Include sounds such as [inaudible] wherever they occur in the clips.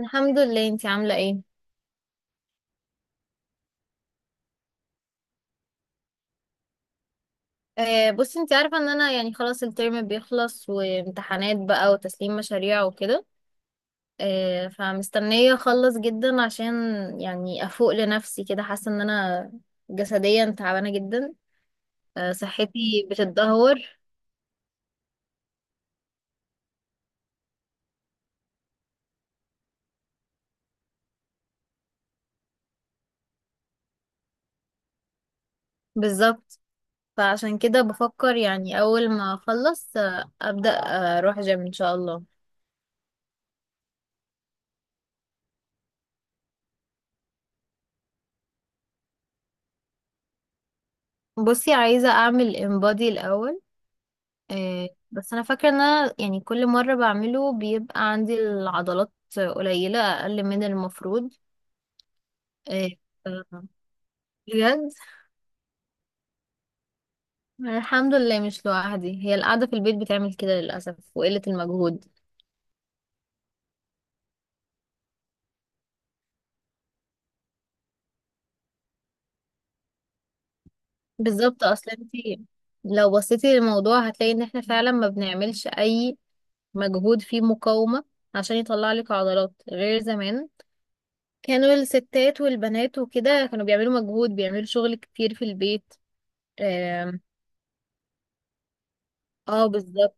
الحمد لله. انتي عاملة ايه؟ بصي، انتي عارفة ان انا يعني خلاص الترم بيخلص وامتحانات بقى وتسليم مشاريع وكده. فمستنية اخلص جدا عشان يعني افوق لنفسي كده. حاسة ان انا جسديا تعبانة جدا. صحتي بتتدهور. بالظبط. فعشان كده بفكر يعني اول ما اخلص ابدأ، اروح جيم ان شاء الله. بصي، عايزة اعمل انبادي الاول. بس انا فاكره ان انا يعني كل مره بعمله بيبقى عندي العضلات قليله، اقل من المفروض. آه، آه، بجد. الحمد لله مش لوحدي، هي القعده في البيت بتعمل كده للاسف، وقله المجهود. بالظبط. اصلا انت لو بصيتي للموضوع هتلاقي ان احنا فعلا ما بنعملش اي مجهود فيه مقاومه عشان يطلع لك عضلات. غير زمان، كانوا الستات والبنات وكده كانوا بيعملوا مجهود، بيعملوا شغل كتير في البيت. آم. اه بالظبط.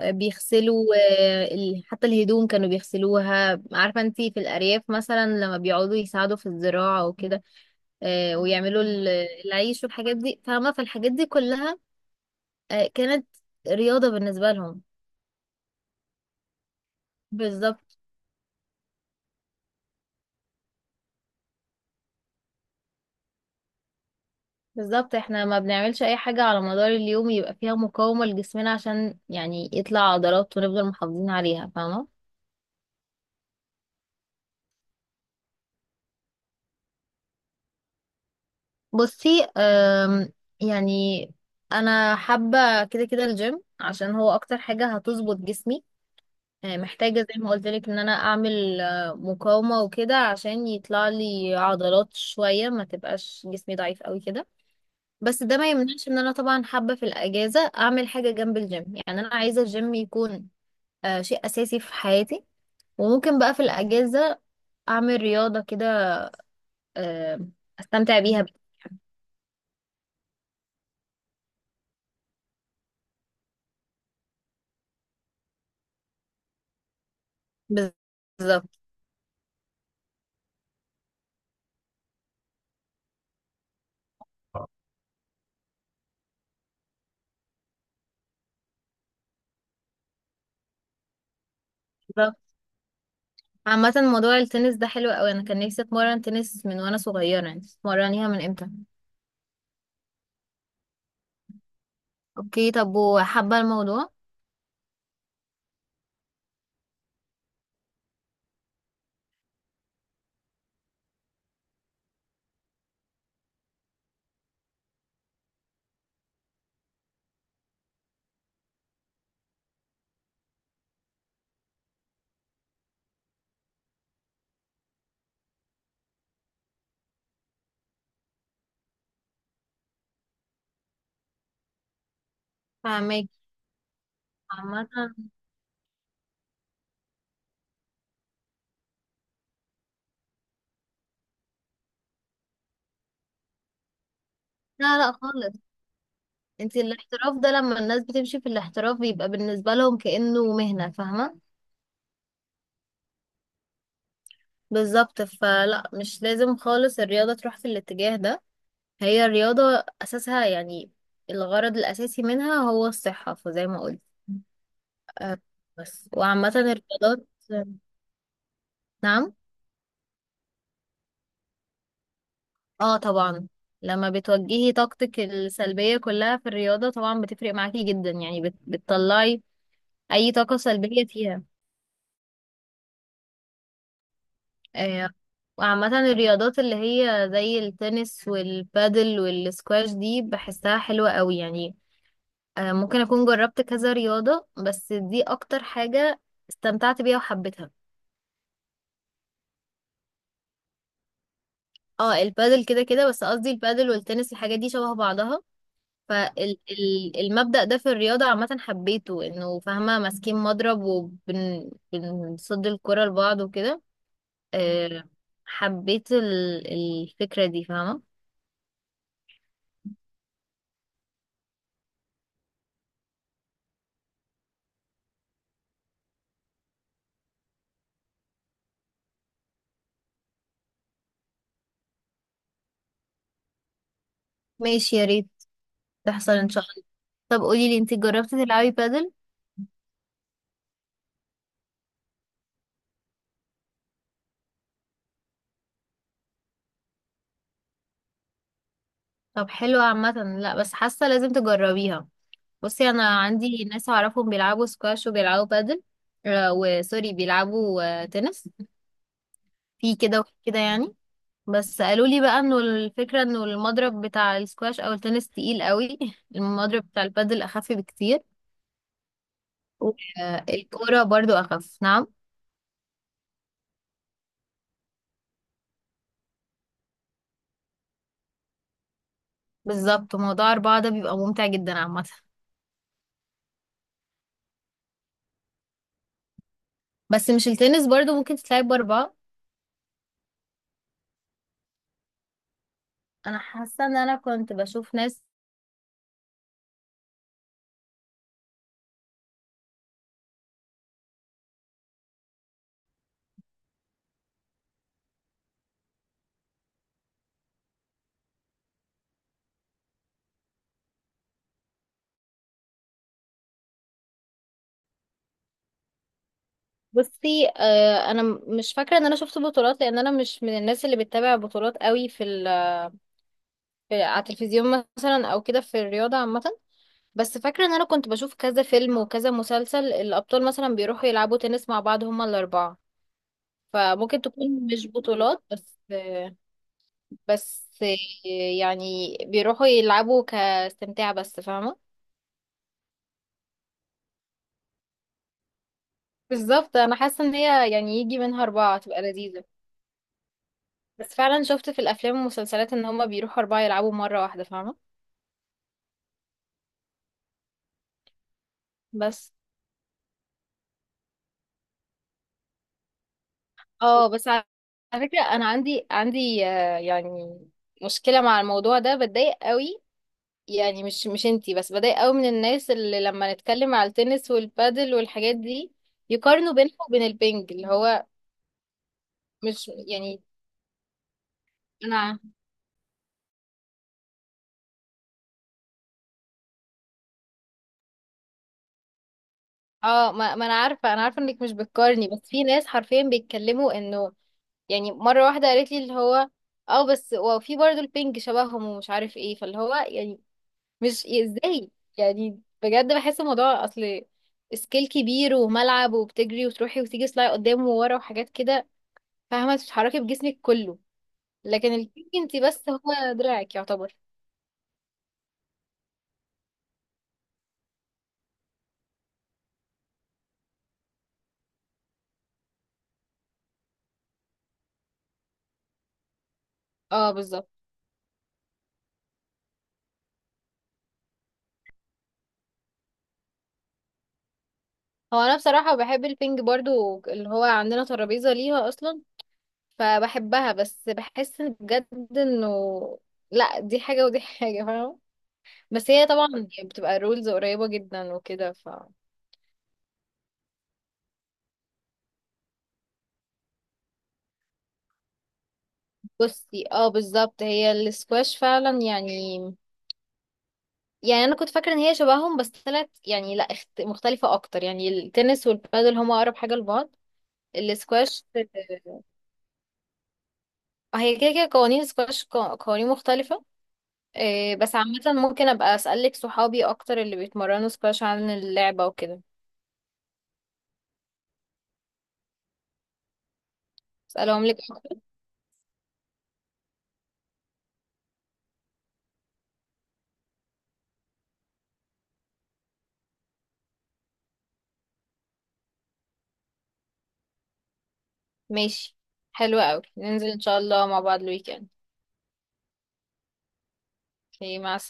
بيغسلوا، حتى الهدوم كانوا بيغسلوها. عارفة انتي، في الأرياف مثلا لما بيقعدوا يساعدوا في الزراعة وكده ويعملوا العيش والحاجات دي، فاهمة. فالحاجات دي كلها كانت رياضة بالنسبة لهم. بالظبط. بالظبط، احنا ما بنعملش أي حاجة على مدار اليوم يبقى فيها مقاومة لجسمنا عشان يعني يطلع عضلات ونفضل محافظين عليها، فاهمة. بصي، يعني أنا حابة كده كده الجيم عشان هو أكتر حاجة هتظبط جسمي. محتاجة زي ما قلت لك ان انا اعمل مقاومة وكده عشان يطلع لي عضلات شوية، ما تبقاش جسمي ضعيف قوي كده. بس ده ما يمنعش ان انا طبعا حابة في الاجازة اعمل حاجة جنب الجيم. يعني انا عايزة الجيم يكون شيء اساسي في حياتي، وممكن بقى في الاجازة اعمل رياضة كده. آه، استمتع بيها. بالظبط. بالظبط. عامة موضوع التنس ده حلو قوي. انا كان نفسي اتمرن تنس من وانا صغيرة، يعني اتمرنيها من امتى؟ اوكي، طب وحابة الموضوع؟ فاهمك. عامة، لا، لا خالص. انت الاحتراف ده لما الناس بتمشي في الاحتراف بيبقى بالنسبة لهم كأنه مهنة، فاهمة. بالظبط، فلا، مش لازم خالص الرياضة تروح في الاتجاه ده. هي الرياضة أساسها يعني الغرض الأساسي منها هو الصحة، فزي ما قلت. أه، بس. وعامة الرياضات... نعم. اه طبعا. لما بتوجهي طاقتك السلبية كلها في الرياضة طبعا بتفرق معاكي جدا، يعني بتطلعي أي طاقة سلبية فيها. آه، وعامة الرياضات اللي هي زي التنس والبادل والسكواش دي بحسها حلوة قوي، يعني ممكن أكون جربت كذا رياضة، بس دي أكتر حاجة استمتعت بيها وحبيتها. اه البادل كده كده، بس قصدي البادل والتنس، الحاجات دي شبه بعضها. فالمبدأ ده في الرياضة عامة حبيته، انه فاهمة ماسكين مضرب وبنصد الكرة لبعض وكده. آه، حبيت الفكرة دي، فاهمة. ماشي، يا ريت تحصل ان شاء. طب قولي لي، انت جربتي تلعبي بادل؟ طب حلو، عامه لا، بس حاسه لازم تجربيها. بصي انا عندي ناس اعرفهم بيلعبوا سكواش وبيلعبوا بادل، وسوري بيلعبوا تنس. في كده وفي كده يعني. بس قالوا لي بقى انه الفكره انه المضرب بتاع السكواش او التنس تقيل قوي. [laughs] المضرب بتاع البادل اخف بكتير، والكوره برضو اخف. نعم. بالظبط، موضوع اربعه ده بيبقى ممتع جدا عامه. بس مش التنس برضو ممكن تتلعب باربعه؟ انا حاسه ان انا كنت بشوف ناس. بصي، انا مش فاكره ان انا شفت بطولات، لان انا مش من الناس اللي بتتابع بطولات قوي في، في على التلفزيون مثلا او كده، في الرياضه عامه. بس فاكره ان انا كنت بشوف كذا فيلم وكذا مسلسل الابطال مثلا بيروحوا يلعبوا تنس مع بعض، هما الاربعه. فممكن تكون مش بطولات، بس آه، بس آه، يعني بيروحوا يلعبوا كاستمتاع بس، فاهمه. بالظبط، انا حاسه ان هي يعني يجي منها اربعه تبقى لذيذه. بس فعلا شفت في الافلام والمسلسلات ان هما بيروحوا اربعه يلعبوا مره واحده، فاهمه. بس اه بس على فكرة، انا عندي يعني مشكلة مع الموضوع ده، بتضايق قوي. يعني، مش انتي بس، بتضايق قوي من الناس اللي لما نتكلم على التنس والبادل والحاجات دي يقارنوا بينها وبين البنج، اللي هو مش يعني. انا، اه، ما انا عارفة، انك مش بتقارني، بس في ناس حرفيا بيتكلموا انه يعني. مرة واحدة قالت لي اللي هو: اه بس، وفي برضه البنج شبههم ومش عارف ايه، فاللي هو يعني مش ازاي. يعني بجد بحس الموضوع اصل سكيل كبير وملعب، وبتجري وتروحي وتيجي سلاي قدام وورا وحاجات كده، فاهمة بتتحركي بجسمك كله. لكن البينج انتي بس هو دراعك يعتبر. اه بالظبط. هو انا بصراحة بحب البينج برضو، اللي هو عندنا ترابيزة ليها اصلا. فبحبها، بس بحس إن بجد انه لا، دي حاجة ودي حاجة، فاهمة. بس هي طبعا يعني بتبقى رولز قريبة جدا وكده ف... بصي، اه بالظبط. هي السكواش فعلا يعني، يعني انا كنت فاكره ان هي شبههم بس طلعت يعني لا، مختلفه اكتر. يعني التنس والبادل هما اقرب حاجه لبعض. الاسكواش، هي كده كده قوانين السكواش قوانين مختلفه. بس عامه ممكن ابقى اسالك صحابي اكتر اللي بيتمرنوا سكواش عن اللعبه وكده، اسالهم لك. ماشي. حلوة قوي، ننزل ان شاء الله مع بعض الويكند. اوكي، مع السلامه.